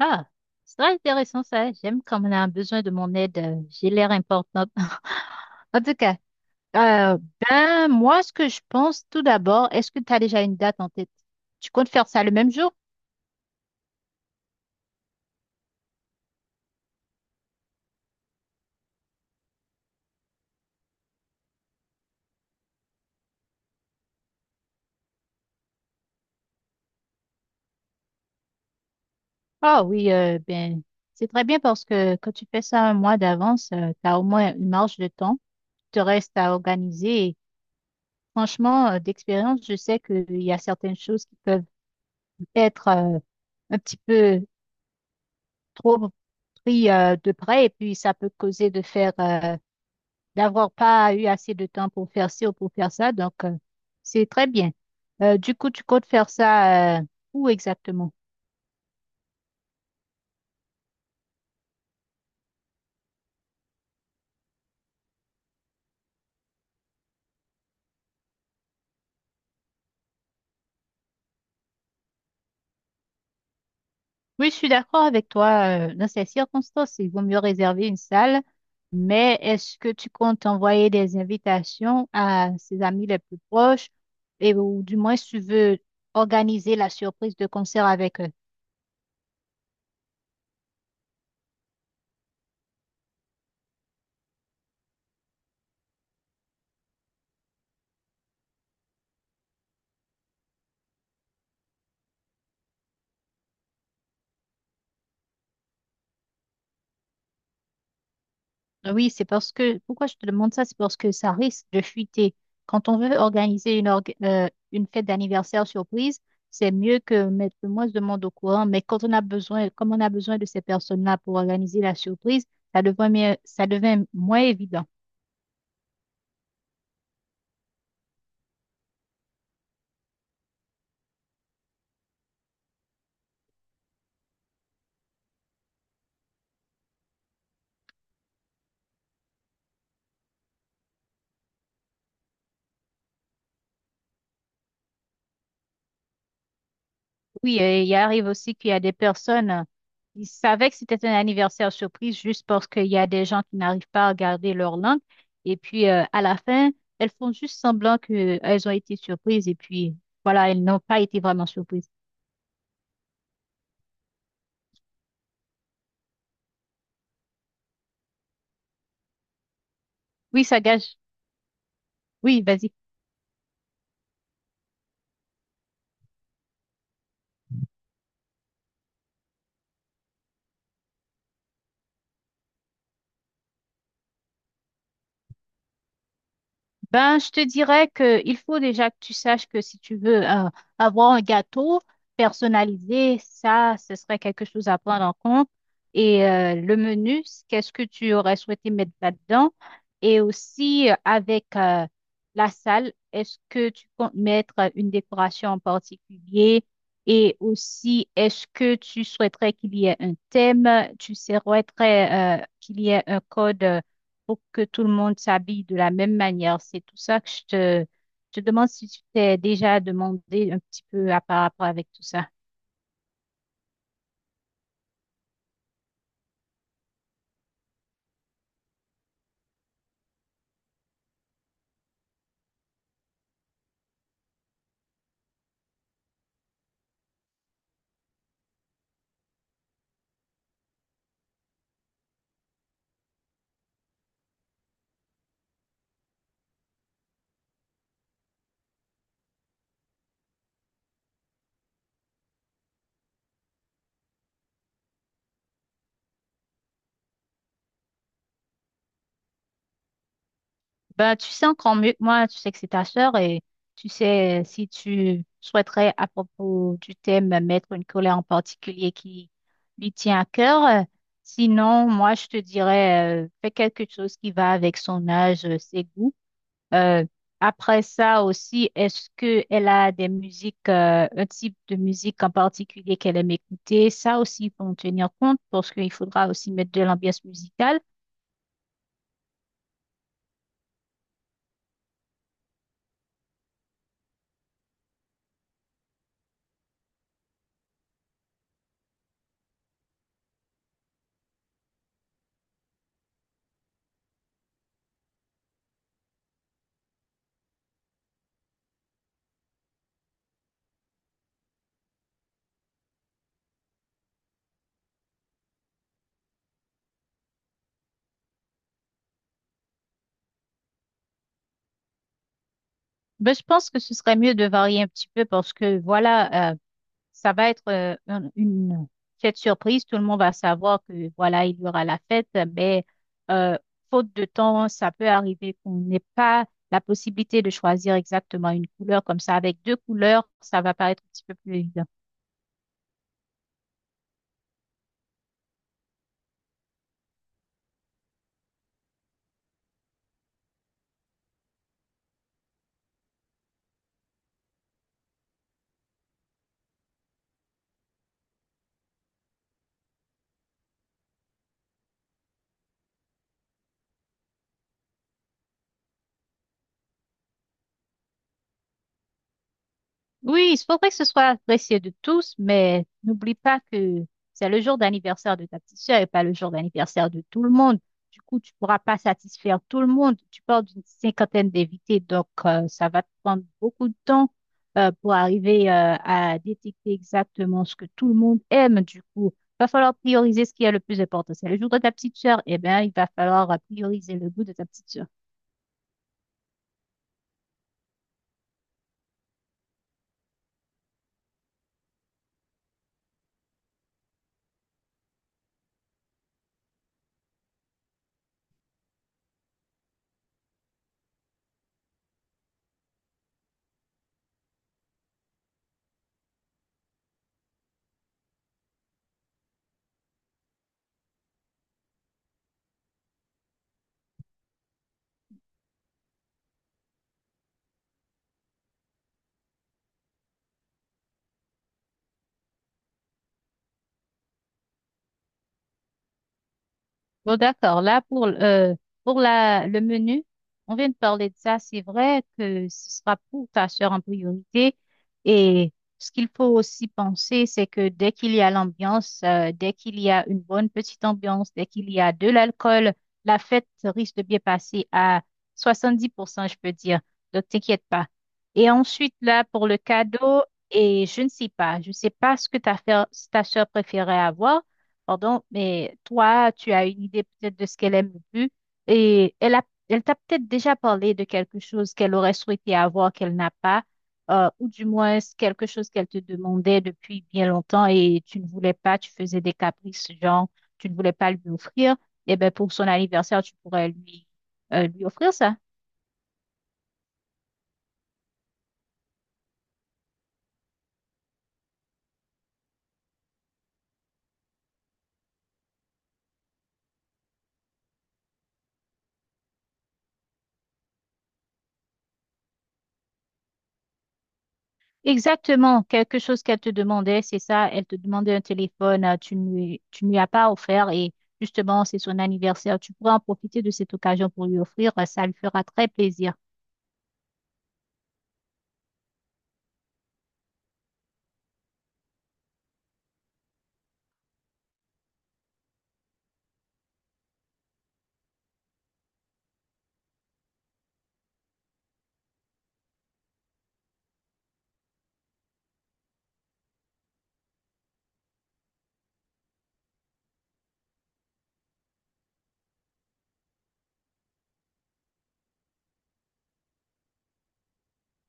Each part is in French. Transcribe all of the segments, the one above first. Ah, c'est très intéressant ça. J'aime quand on a besoin de mon aide. J'ai l'air importante. En tout cas, euh, ben, moi, ce que je pense tout d'abord, est-ce que tu as déjà une date en tête? Tu comptes faire ça le même jour? Ah oui, ben, c'est très bien parce que quand tu fais ça un mois d'avance, tu as au moins une marge de temps qui te reste à organiser. Et franchement, d'expérience, je sais qu'il y a certaines choses qui peuvent être un petit peu trop pris de près et puis ça peut causer de faire d'avoir pas eu assez de temps pour faire ci ou pour faire ça. Donc, c'est très bien. Du coup, tu comptes faire ça où exactement? Oui, je suis d'accord avec toi. Dans ces circonstances, il vaut mieux réserver une salle. Mais est-ce que tu comptes envoyer des invitations à ses amis les plus proches et ou du moins tu veux organiser la surprise de concert avec eux? Ah oui, c'est parce que, pourquoi je te demande ça? C'est parce que ça risque de fuiter. Quand on veut organiser une, une fête d'anniversaire surprise, c'est mieux que mettre le moins de monde au courant. Mais quand on a besoin, comme on a besoin de ces personnes-là pour organiser la surprise, ça devient, ça devient moins évident. Oui, il arrive aussi qu'il y a des personnes, ils savaient que c'était un anniversaire surprise juste parce qu'il y a des gens qui n'arrivent pas à garder leur langue. Et puis, à la fin, elles font juste semblant qu'elles ont été surprises. Et puis, voilà, elles n'ont pas été vraiment surprises. Oui, ça gâche. Oui, vas-y. Ben, je te dirais que il faut déjà que tu saches que si tu veux avoir un gâteau personnalisé, ça, ce serait quelque chose à prendre en compte. Et le menu, qu'est-ce que tu aurais souhaité mettre là-dedans? Et aussi avec la salle, est-ce que tu comptes mettre une décoration en particulier? Et aussi, est-ce que tu souhaiterais qu'il y ait un thème? Tu souhaiterais qu'il y ait un code? Pour que tout le monde s'habille de la même manière. C'est tout ça que je te demande si tu t'es déjà demandé un petit peu à par rapport avec tout ça. Ben, tu sais encore mieux que moi, tu sais que c'est ta sœur et tu sais si tu souhaiterais à propos du thème mettre une colère en particulier qui lui tient à cœur. Sinon, moi, je te dirais, fais quelque chose qui va avec son âge, ses goûts. Euh, après ça aussi, est-ce que elle a des musiques, un type de musique en particulier qu'elle aime écouter? Ça aussi, il faut en tenir compte parce qu'il faudra aussi mettre de l'ambiance musicale. Mais je pense que ce serait mieux de varier un petit peu parce que voilà, ça va être une fête surprise. Tout le monde va savoir que voilà, il y aura la fête, mais euh, faute de temps, ça peut arriver qu'on n'ait pas la possibilité de choisir exactement une couleur comme ça. Avec deux couleurs, ça va paraître un petit peu plus évident. Oui, il faudrait que ce soit apprécié de tous, mais n'oublie pas que c'est le jour d'anniversaire de ta petite sœur et pas le jour d'anniversaire de tout le monde. Du coup, tu pourras pas satisfaire tout le monde. Tu parles d'une cinquantaine d'invités, donc ça va te prendre beaucoup de temps pour arriver à détecter exactement ce que tout le monde aime. Du coup, va falloir prioriser ce qui est le plus important. C'est le jour de ta petite sœur, eh bien, il va falloir prioriser le goût de ta petite sœur. Bon, d'accord. Là, pour la, le menu, on vient de parler de ça. C'est vrai que ce sera pour ta soeur en priorité. Et ce qu'il faut aussi penser, c'est que dès qu'il y a l'ambiance, dès qu'il y a une bonne petite ambiance, dès qu'il y a de l'alcool, la fête risque de bien passer à 70% je peux dire. Donc, t'inquiète pas. Et ensuite, là, pour le cadeau, et je ne sais pas, je ne sais pas ce que ta, ta soeur préférait avoir. Pardon, mais toi, tu as une idée peut-être de ce qu'elle aime le plus et elle a, elle t'a peut-être déjà parlé de quelque chose qu'elle aurait souhaité avoir qu'elle n'a pas, ou du moins c'est quelque chose qu'elle te demandait depuis bien longtemps et tu ne voulais pas, tu faisais des caprices, genre tu ne voulais pas lui offrir. Et ben pour son anniversaire, tu pourrais lui, lui offrir ça. Exactement, quelque chose qu'elle te demandait, c'est ça, elle te demandait un téléphone, tu ne lui as pas offert et justement, c'est son anniversaire, tu pourras en profiter de cette occasion pour lui offrir, ça lui fera très plaisir.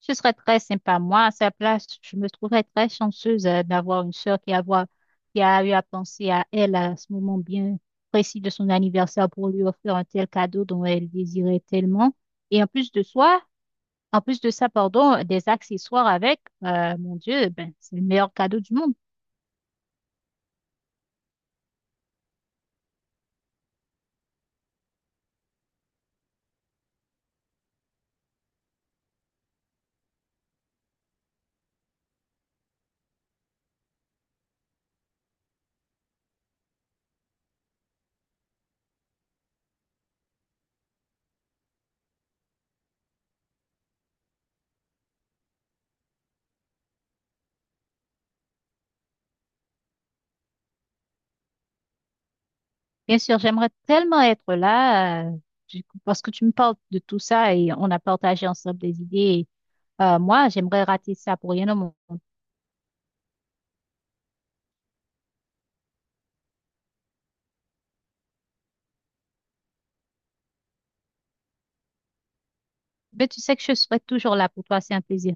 Ce serait très sympa. Moi, à sa place, je me trouverais très chanceuse, d'avoir une sœur qui a, qui a eu à penser à elle à ce moment bien précis de son anniversaire pour lui offrir un tel cadeau dont elle désirait tellement. Et en plus de soi En plus de ça, pardon, des accessoires avec, mon Dieu, ben, c'est le meilleur cadeau du monde. Bien sûr, j'aimerais tellement être là, du coup, parce que tu me parles de tout ça et on a partagé ensemble des idées. Moi, j'aimerais rater ça pour rien au monde. Mais tu sais que je serai toujours là pour toi, c'est un plaisir.